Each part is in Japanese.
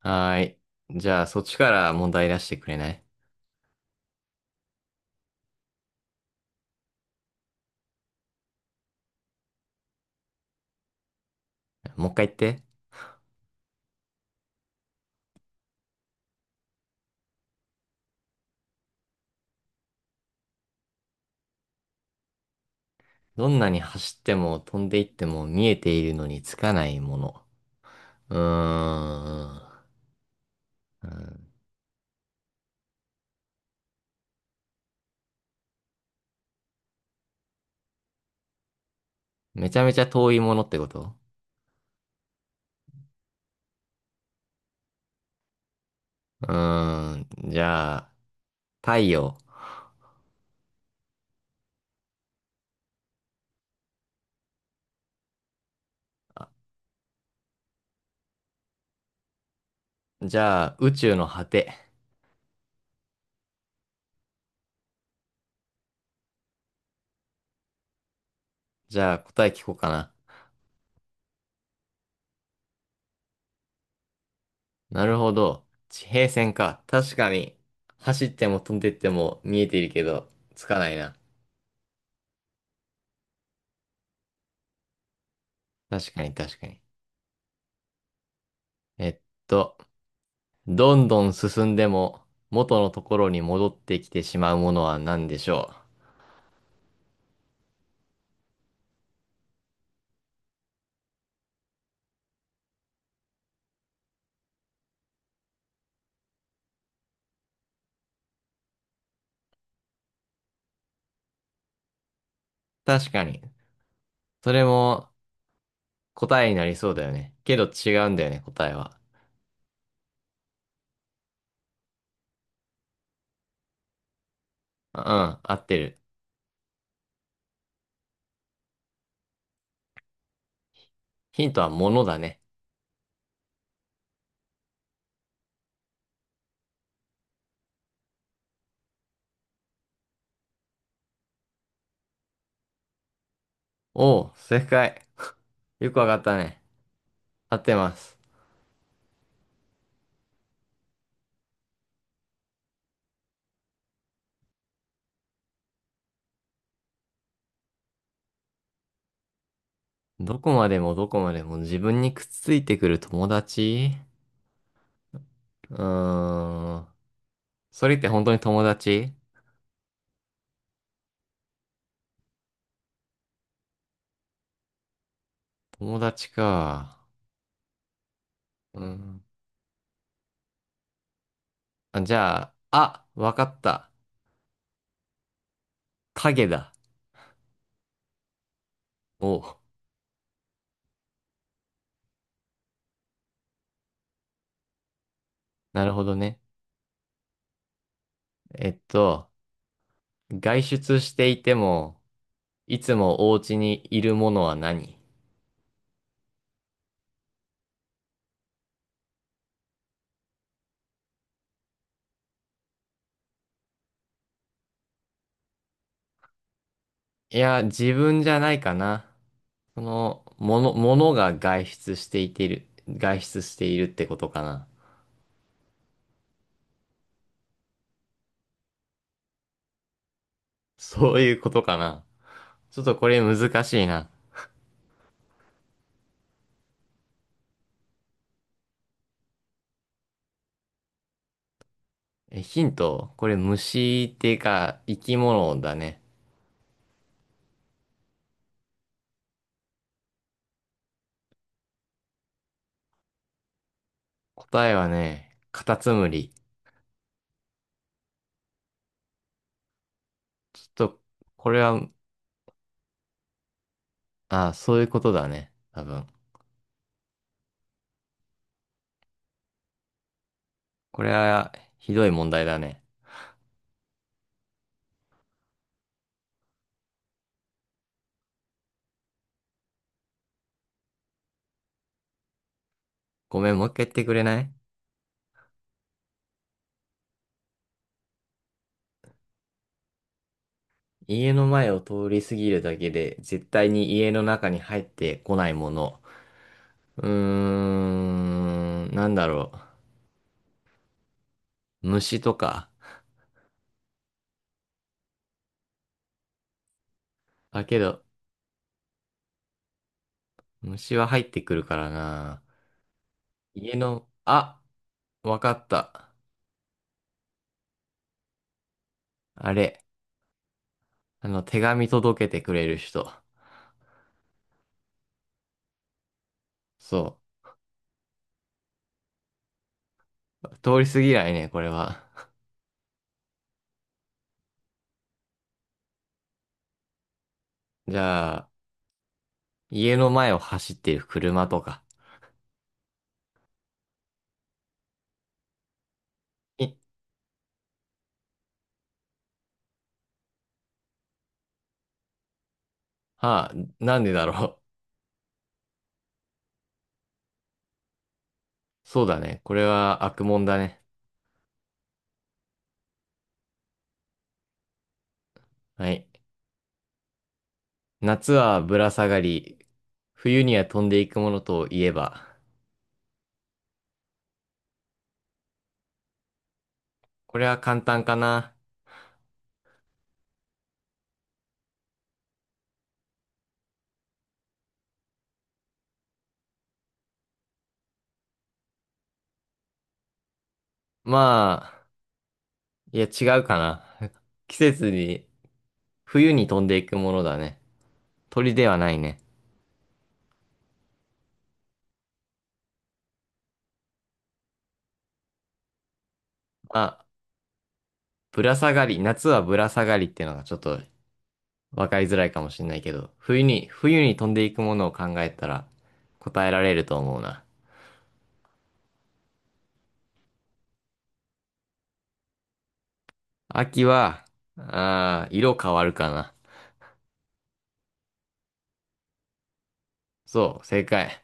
はーい。じゃあ、そっちから問題出してくれない？もう一回言って。どんなに走っても飛んでいっても見えているのにつかないもの。うーん。うん、めちゃめちゃ遠いものってこと？うーん。じゃあ、太陽。じゃあ、宇宙の果て。じゃあ、答え聞こうかな。なるほど。地平線か。確かに。走っても飛んでいっても見えているけど、つかないな。確かに確かに。えっとどんどん進んでも元のところに戻ってきてしまうものは何でしょう。確かに。それも答えになりそうだよね。けど違うんだよね、答えは。うん、合ってる。ヒントは物だね。おう、正解。よくわかったね。合ってます。どこまでもどこまでも自分にくっついてくる友達？うーん。それって本当に友達？友達か。うん。あ、じゃあ、あ、わかった。影だ。おう。なるほどね。えっと、外出していても、いつもお家にいるものは何？いや、自分じゃないかな。その、もの、ものが外出していている、外出しているってことかな。そういうことかな。ちょっとこれ難しいな。え、ヒント、これ虫っていうか、生き物だね。答えはね、カタツムリ。ちょっと、これは、あ、そういうことだね。多分。これは、ひどい問題だね。ごめん、もう一回言ってくれない？家の前を通り過ぎるだけで、絶対に家の中に入ってこないもの。うーん、なんだろう。虫とか。だけど、虫は入ってくるからな。家の、あ、わかった。あれ、あの、手紙届けてくれる人。そう。通り過ぎないね、これは。じゃあ、家の前を走っている車とか。え、はあ、なんでだろう。そうだね。これは悪もんだね。はい。夏はぶら下がり、冬には飛んでいくものといえば。これは簡単かな。まあ、いや違うかな。季節に、冬に飛んでいくものだね。鳥ではないね。まあ、ぶら下がり、夏はぶら下がりっていうのがちょっとわかりづらいかもしれないけど、冬に飛んでいくものを考えたら答えられると思うな。秋は、ああ、色変わるかな。そう、正解。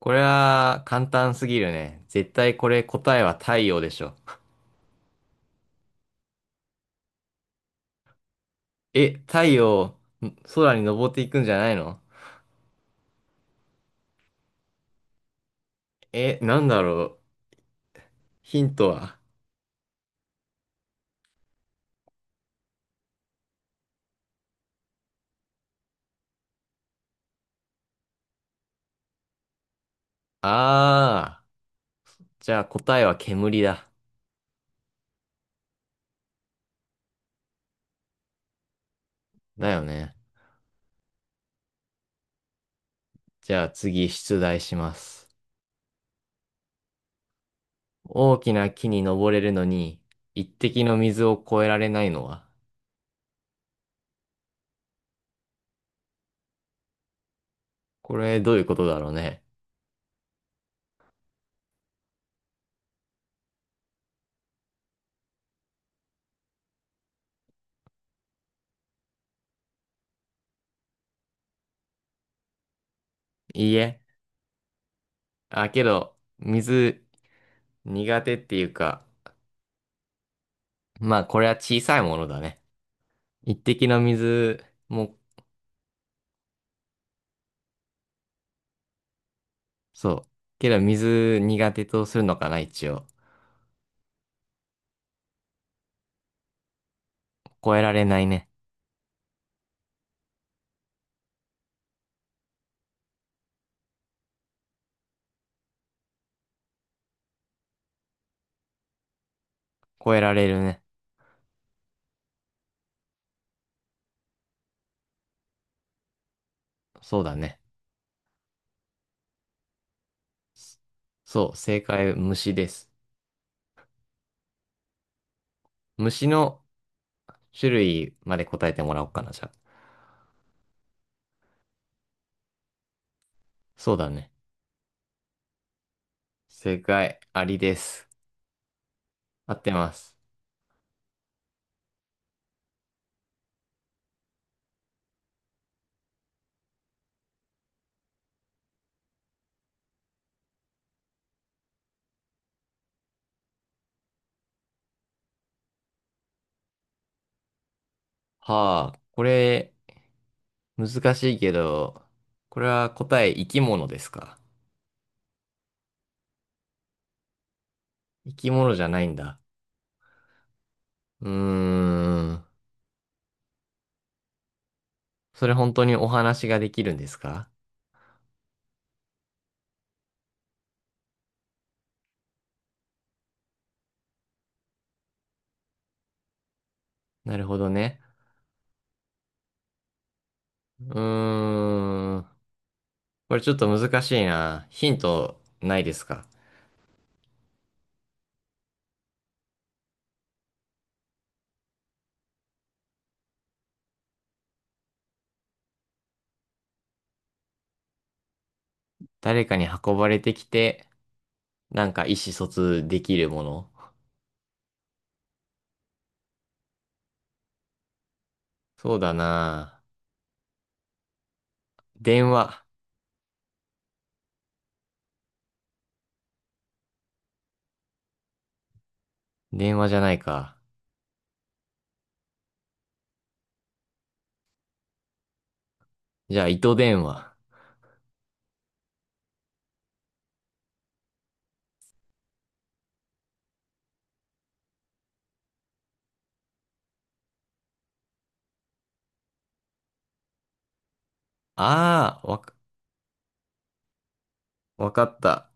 これは簡単すぎるね。絶対これ答えは太陽でしょ。え、太陽、ん、空に登っていくんじゃないの？え、なんだろう。ヒントは。あー、じゃあ答えは煙だ。だよね。じゃあ次出題します。大きな木に登れるのに、一滴の水を越えられないのは。これどういうことだろうね。いいえ。あ、けど、水苦手っていうか、まあこれは小さいものだね。一滴の水も、そう。けど水苦手とするのかな、一応。超えられないね。超えられるね。そうだね。そう、正解、虫です。虫の種類まで答えてもらおうかな、じゃあ。そうだね。正解、アリです。合ってます。はあ、これ、難しいけど、これは答え、生き物ですか？生き物じゃないんだ。うーん。それ本当にお話ができるんですか？なるほどね。うーん。これちょっと難しいな。ヒントないですか？誰かに運ばれてきて、なんか意思疎通できるもの？そうだな。電話。電話じゃないか。じゃあ、糸電話。ああ、わか、わかった。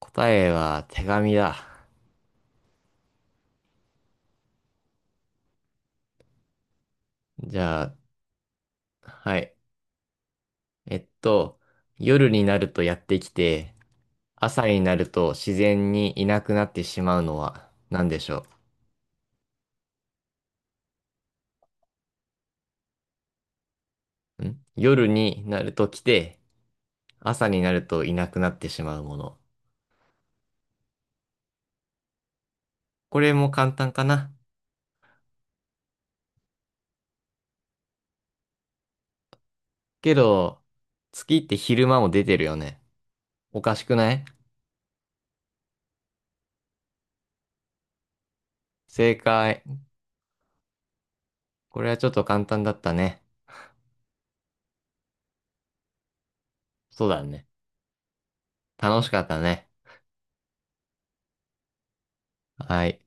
答えは手紙だ。じゃあ、はい。えっと、夜になるとやってきて、朝になると自然にいなくなってしまうのは何でしょう？ん、夜になると来て、朝になるといなくなってしまうもの。これも簡単かな。けど、月って昼間も出てるよね。おかしくない？正解。これはちょっと簡単だったね。そうだね。楽しかったね。はい。